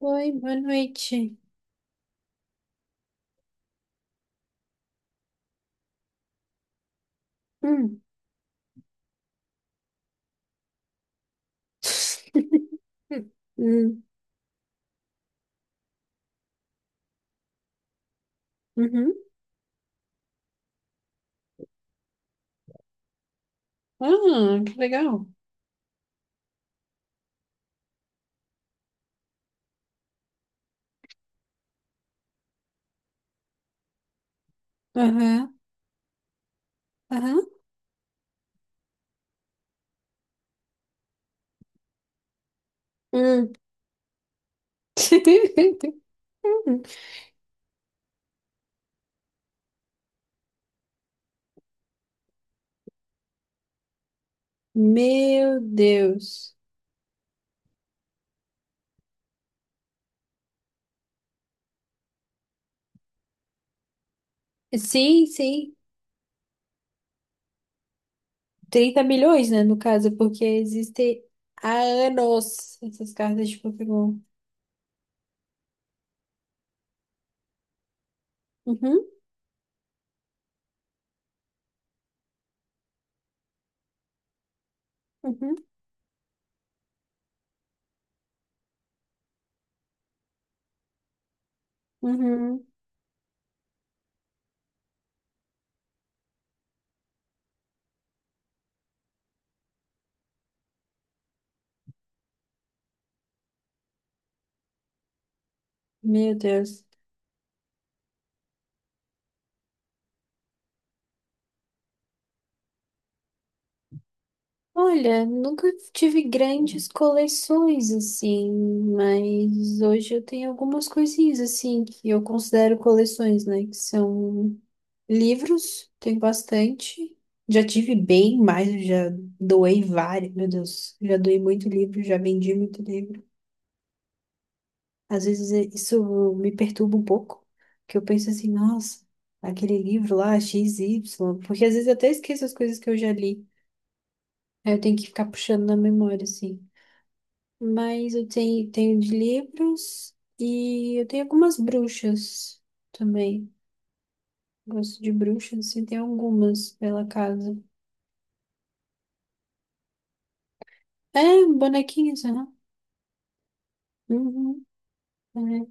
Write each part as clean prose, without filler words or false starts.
Oi, boa noite. Hum. Hum. Uhum. Ah, que legal. Aham, aham. Hum. Meu Deus. Sim, sim. 30 milhões, né, no caso, porque existem há anos essas cartas de Pokémon. Uhum, uhum, uhum. Meu Deus. Olha, nunca tive grandes coleções assim, mas hoje eu tenho algumas coisinhas assim que eu considero coleções, né? Que são livros, tenho bastante. Já tive bem mais, eu já doei vários, meu Deus, já doei muito livro, já vendi muito livro. Às vezes isso me perturba um pouco, que eu penso assim, nossa, aquele livro lá, X Y, porque às vezes eu até esqueço as coisas que eu já li. Aí eu tenho que ficar puxando na memória, assim. Mas eu tenho de livros e eu tenho algumas bruxas também. Gosto de bruxas, assim, tem algumas pela casa. É, bonequinhas, né? Uhum, é.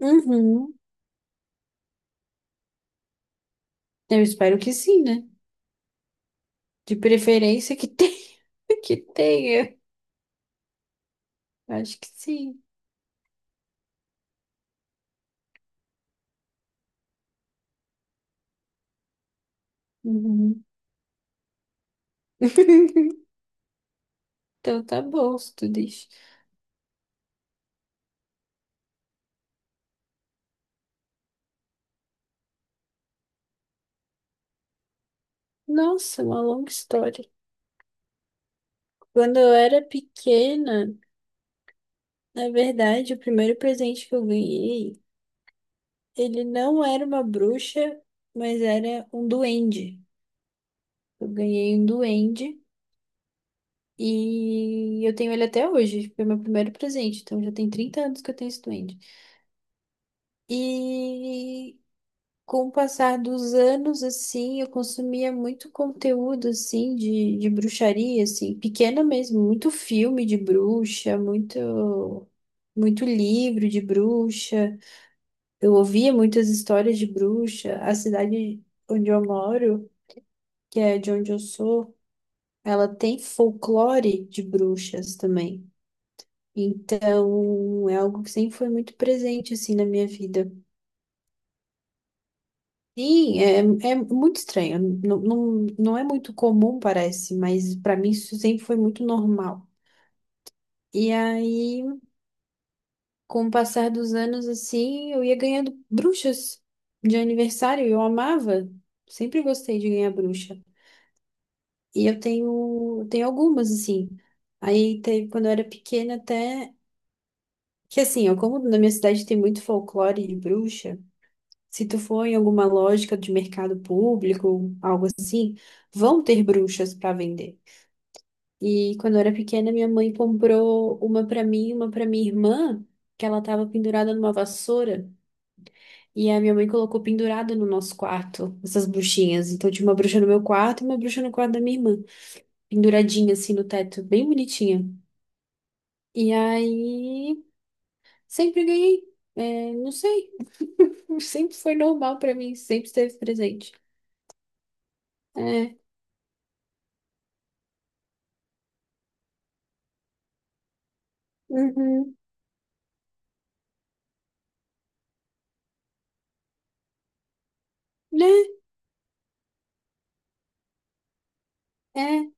Uhum. Eu espero que sim, né? De preferência que tenha. Que tenha. Acho que sim. Uhum. Então tá bom, se tu diz. Nossa, uma longa história. Quando eu era pequena, na verdade, o primeiro presente que eu ganhei, ele não era uma bruxa, mas era um duende. Eu ganhei um duende e eu tenho ele até hoje. Foi meu primeiro presente, então já tem 30 anos que eu tenho esse duende. E com o passar dos anos, assim, eu consumia muito conteúdo, assim, de bruxaria, assim, pequena mesmo, muito filme de bruxa, muito. Muito livro de bruxa, eu ouvia muitas histórias de bruxa. A cidade onde eu moro, que é de onde eu sou, ela tem folclore de bruxas também. Então, é algo que sempre foi muito presente, assim, na minha vida. Sim, é, é muito estranho. Não, não, não é muito comum, parece, mas para mim isso sempre foi muito normal. E aí, com o passar dos anos, assim, eu ia ganhando bruxas de aniversário. Eu amava. Sempre gostei de ganhar bruxa. E eu tenho algumas, assim. Aí, teve, quando eu era pequena, até. Que assim, ó, como na minha cidade tem muito folclore de bruxa, se tu for em alguma lógica de mercado público, algo assim, vão ter bruxas para vender. E quando eu era pequena, minha mãe comprou uma para mim, e uma para minha irmã, que ela tava pendurada numa vassoura, e a minha mãe colocou pendurada no nosso quarto, essas bruxinhas. Então tinha uma bruxa no meu quarto e uma bruxa no quarto da minha irmã, penduradinha assim no teto, bem bonitinha. E aí, sempre ganhei. É, não sei. Sempre foi normal pra mim, sempre esteve presente. É, uhum, né? É,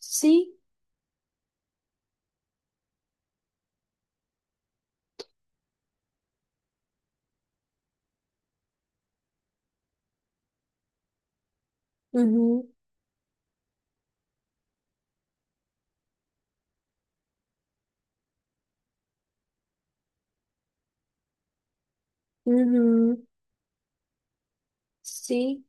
sim, uhum, uhum, sim,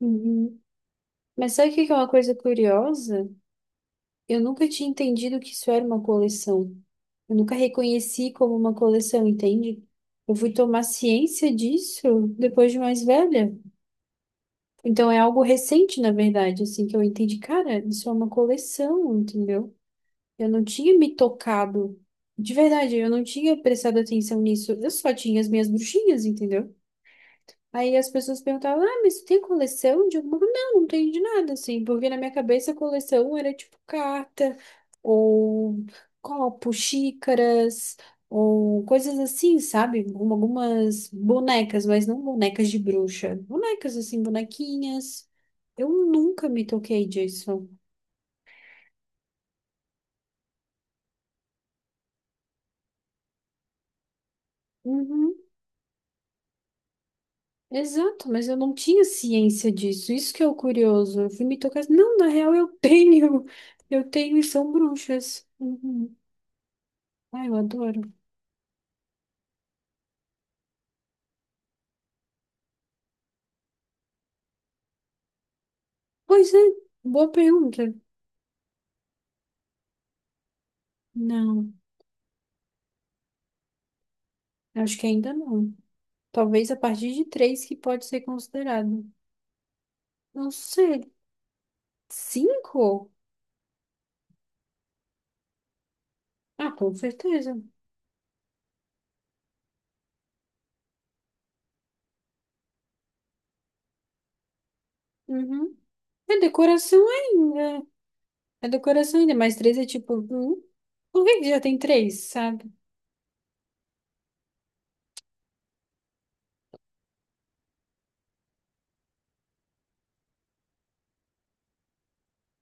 uhum. Mas sabe o que que é uma coisa curiosa? Eu nunca tinha entendido que isso era uma coleção. Eu nunca reconheci como uma coleção, entende? Eu fui tomar ciência disso depois de mais velha. Então é algo recente, na verdade, assim, que eu entendi, cara, isso é uma coleção, entendeu? Eu não tinha me tocado. De verdade, eu não tinha prestado atenção nisso. Eu só tinha as minhas bruxinhas, entendeu? Aí as pessoas perguntavam: Ah, mas tu tem coleção de alguma coisa? Não, não tenho de nada, assim. Porque na minha cabeça coleção era tipo carta, ou copo, xícaras, ou coisas assim, sabe? Algumas bonecas, mas não bonecas de bruxa. Bonecas, assim, bonequinhas. Eu nunca me toquei disso. Uhum. Exato, mas eu não tinha ciência disso. Isso que é o curioso. Eu fui me tocar. Não, na real eu tenho. Eu tenho e são bruxas. Uhum. Ai, eu adoro. Pois é, boa pergunta. Não, acho que ainda não. Talvez a partir de três que pode ser considerado. Não sei. Cinco? Ah, com certeza. Uhum. É decoração ainda. É decoração ainda, mas três é tipo. Hum? Por que que já tem três, sabe?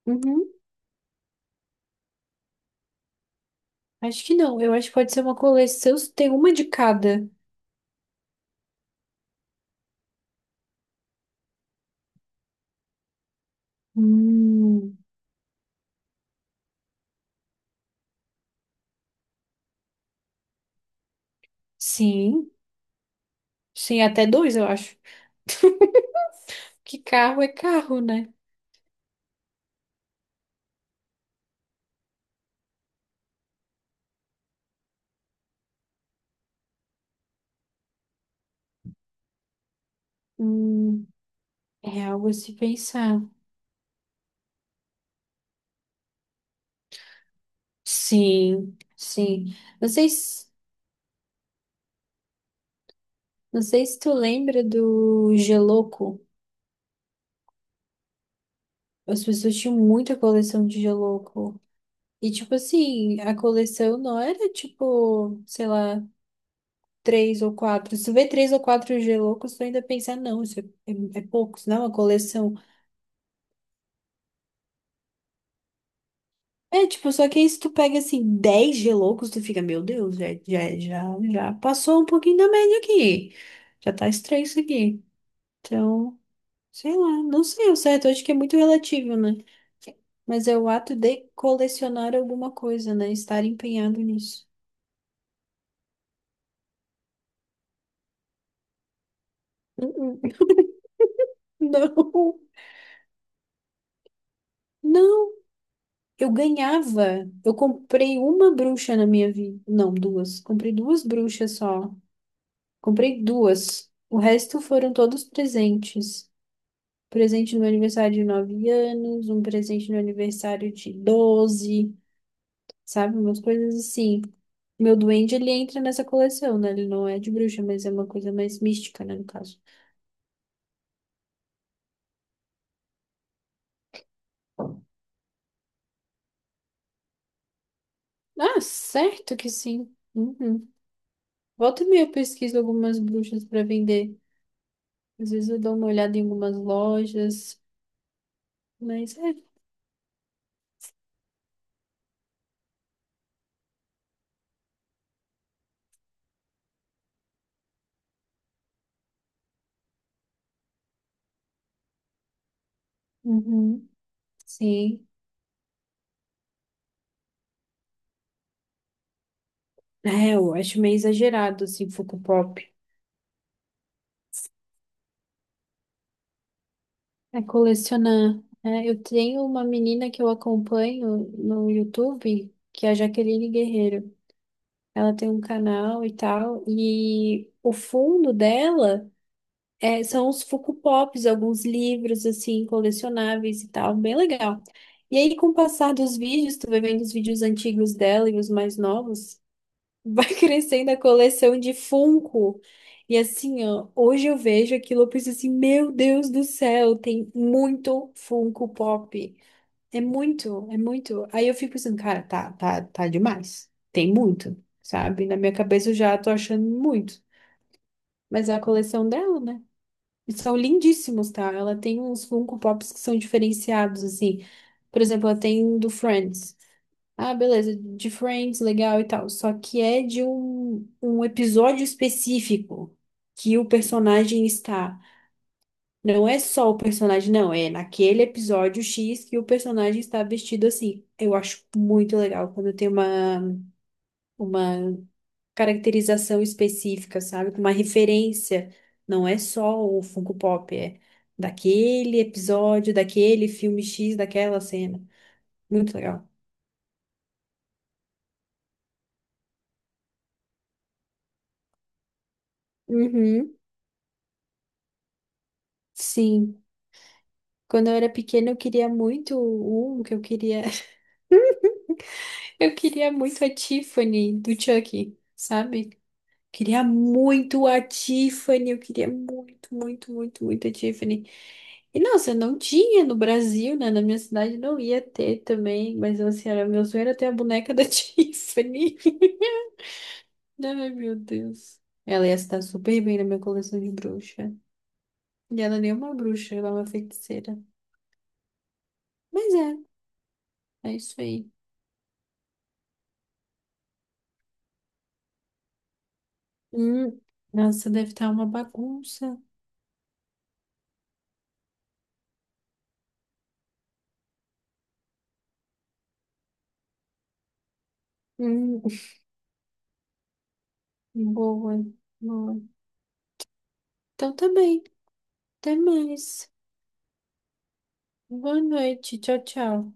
Uhum. Acho que não. Eu acho que pode ser uma coleção. Tem uma de cada. Hum, sim. Sim, até dois, eu acho. Que carro é carro, né? Hum, É algo a se pensar. Sim, sim. Não sei se, não sei se tu lembra do Geloco. As pessoas tinham muita coleção de Geloco. E, tipo assim, a coleção não era, tipo, sei lá, três ou quatro. Se tu vê três ou quatro G-Loucos, tu ainda pensa, não, isso é, é, é pouco, isso não é uma coleção. É, tipo, só que aí se tu pega, assim, 10 G-Loucos, tu fica, meu Deus, já passou um pouquinho da média aqui. Já tá estranho isso aqui. Então, sei lá, não sei o certo, acho que é muito relativo, né? Mas é o ato de colecionar alguma coisa, né? Estar empenhado nisso. Uh-uh. Não, não. Eu ganhava. Eu comprei uma bruxa na minha vida. Não, duas. Comprei duas bruxas só. Comprei duas. O resto foram todos presentes. Presente no aniversário de 9 anos, um presente no aniversário de 12, sabe? Umas coisas assim. Meu duende, ele entra nessa coleção, né? Ele não é de bruxa, mas é uma coisa mais mística, né, no caso. Ah, certo que sim. Uhum. Volta e meia eu pesquiso algumas bruxas para vender. Às vezes eu dou uma olhada em algumas lojas. Mas é. Uhum. Sim. É, eu acho meio exagerado, assim, Funko Pop. É colecionar. É, eu tenho uma menina que eu acompanho no YouTube, que é a Jaqueline Guerreiro. Ela tem um canal e tal, e o fundo dela é, são os Funko Pops, alguns livros, assim, colecionáveis e tal, bem legal. E aí, com o passar dos vídeos, tu vai vendo os vídeos antigos dela e os mais novos, vai crescendo a coleção de Funko. E assim, ó, hoje eu vejo aquilo, eu penso assim, meu Deus do céu, tem muito Funko Pop. É muito, é muito. Aí eu fico pensando, cara, tá demais. Tem muito, sabe? Na minha cabeça eu já tô achando muito. Mas é a coleção dela, né? E são lindíssimos, tá? Ela tem uns Funko Pops que são diferenciados, assim. Por exemplo, ela tem um do Friends. Ah, beleza, de Friends, legal e tal. Só que é de um episódio específico que o personagem está. Não é só o personagem, não, é naquele episódio X que o personagem está vestido assim. Eu acho muito legal quando tem uma caracterização específica, sabe? Com uma referência. Não é só o Funko Pop, é daquele episódio, daquele filme X, daquela cena. Muito legal. Uhum, sim. Quando eu era pequena, eu queria muito um que eu queria. Eu queria muito a Tiffany do Chucky, sabe? Queria muito a Tiffany, eu queria muito, muito, muito, muito a Tiffany. E nossa, não tinha no Brasil, né? Na minha cidade não ia ter também, mas assim, era meu sonho era ter a boneca da Tiffany. Ai, meu Deus. Ela ia estar super bem na minha coleção de bruxa. E ela nem é uma bruxa, ela é uma feiticeira. Mas é, é isso aí. Hum, nossa, deve estar uma bagunça. Hum, boa, boa. Então tá bem. Até mais. Boa noite. Tchau, tchau.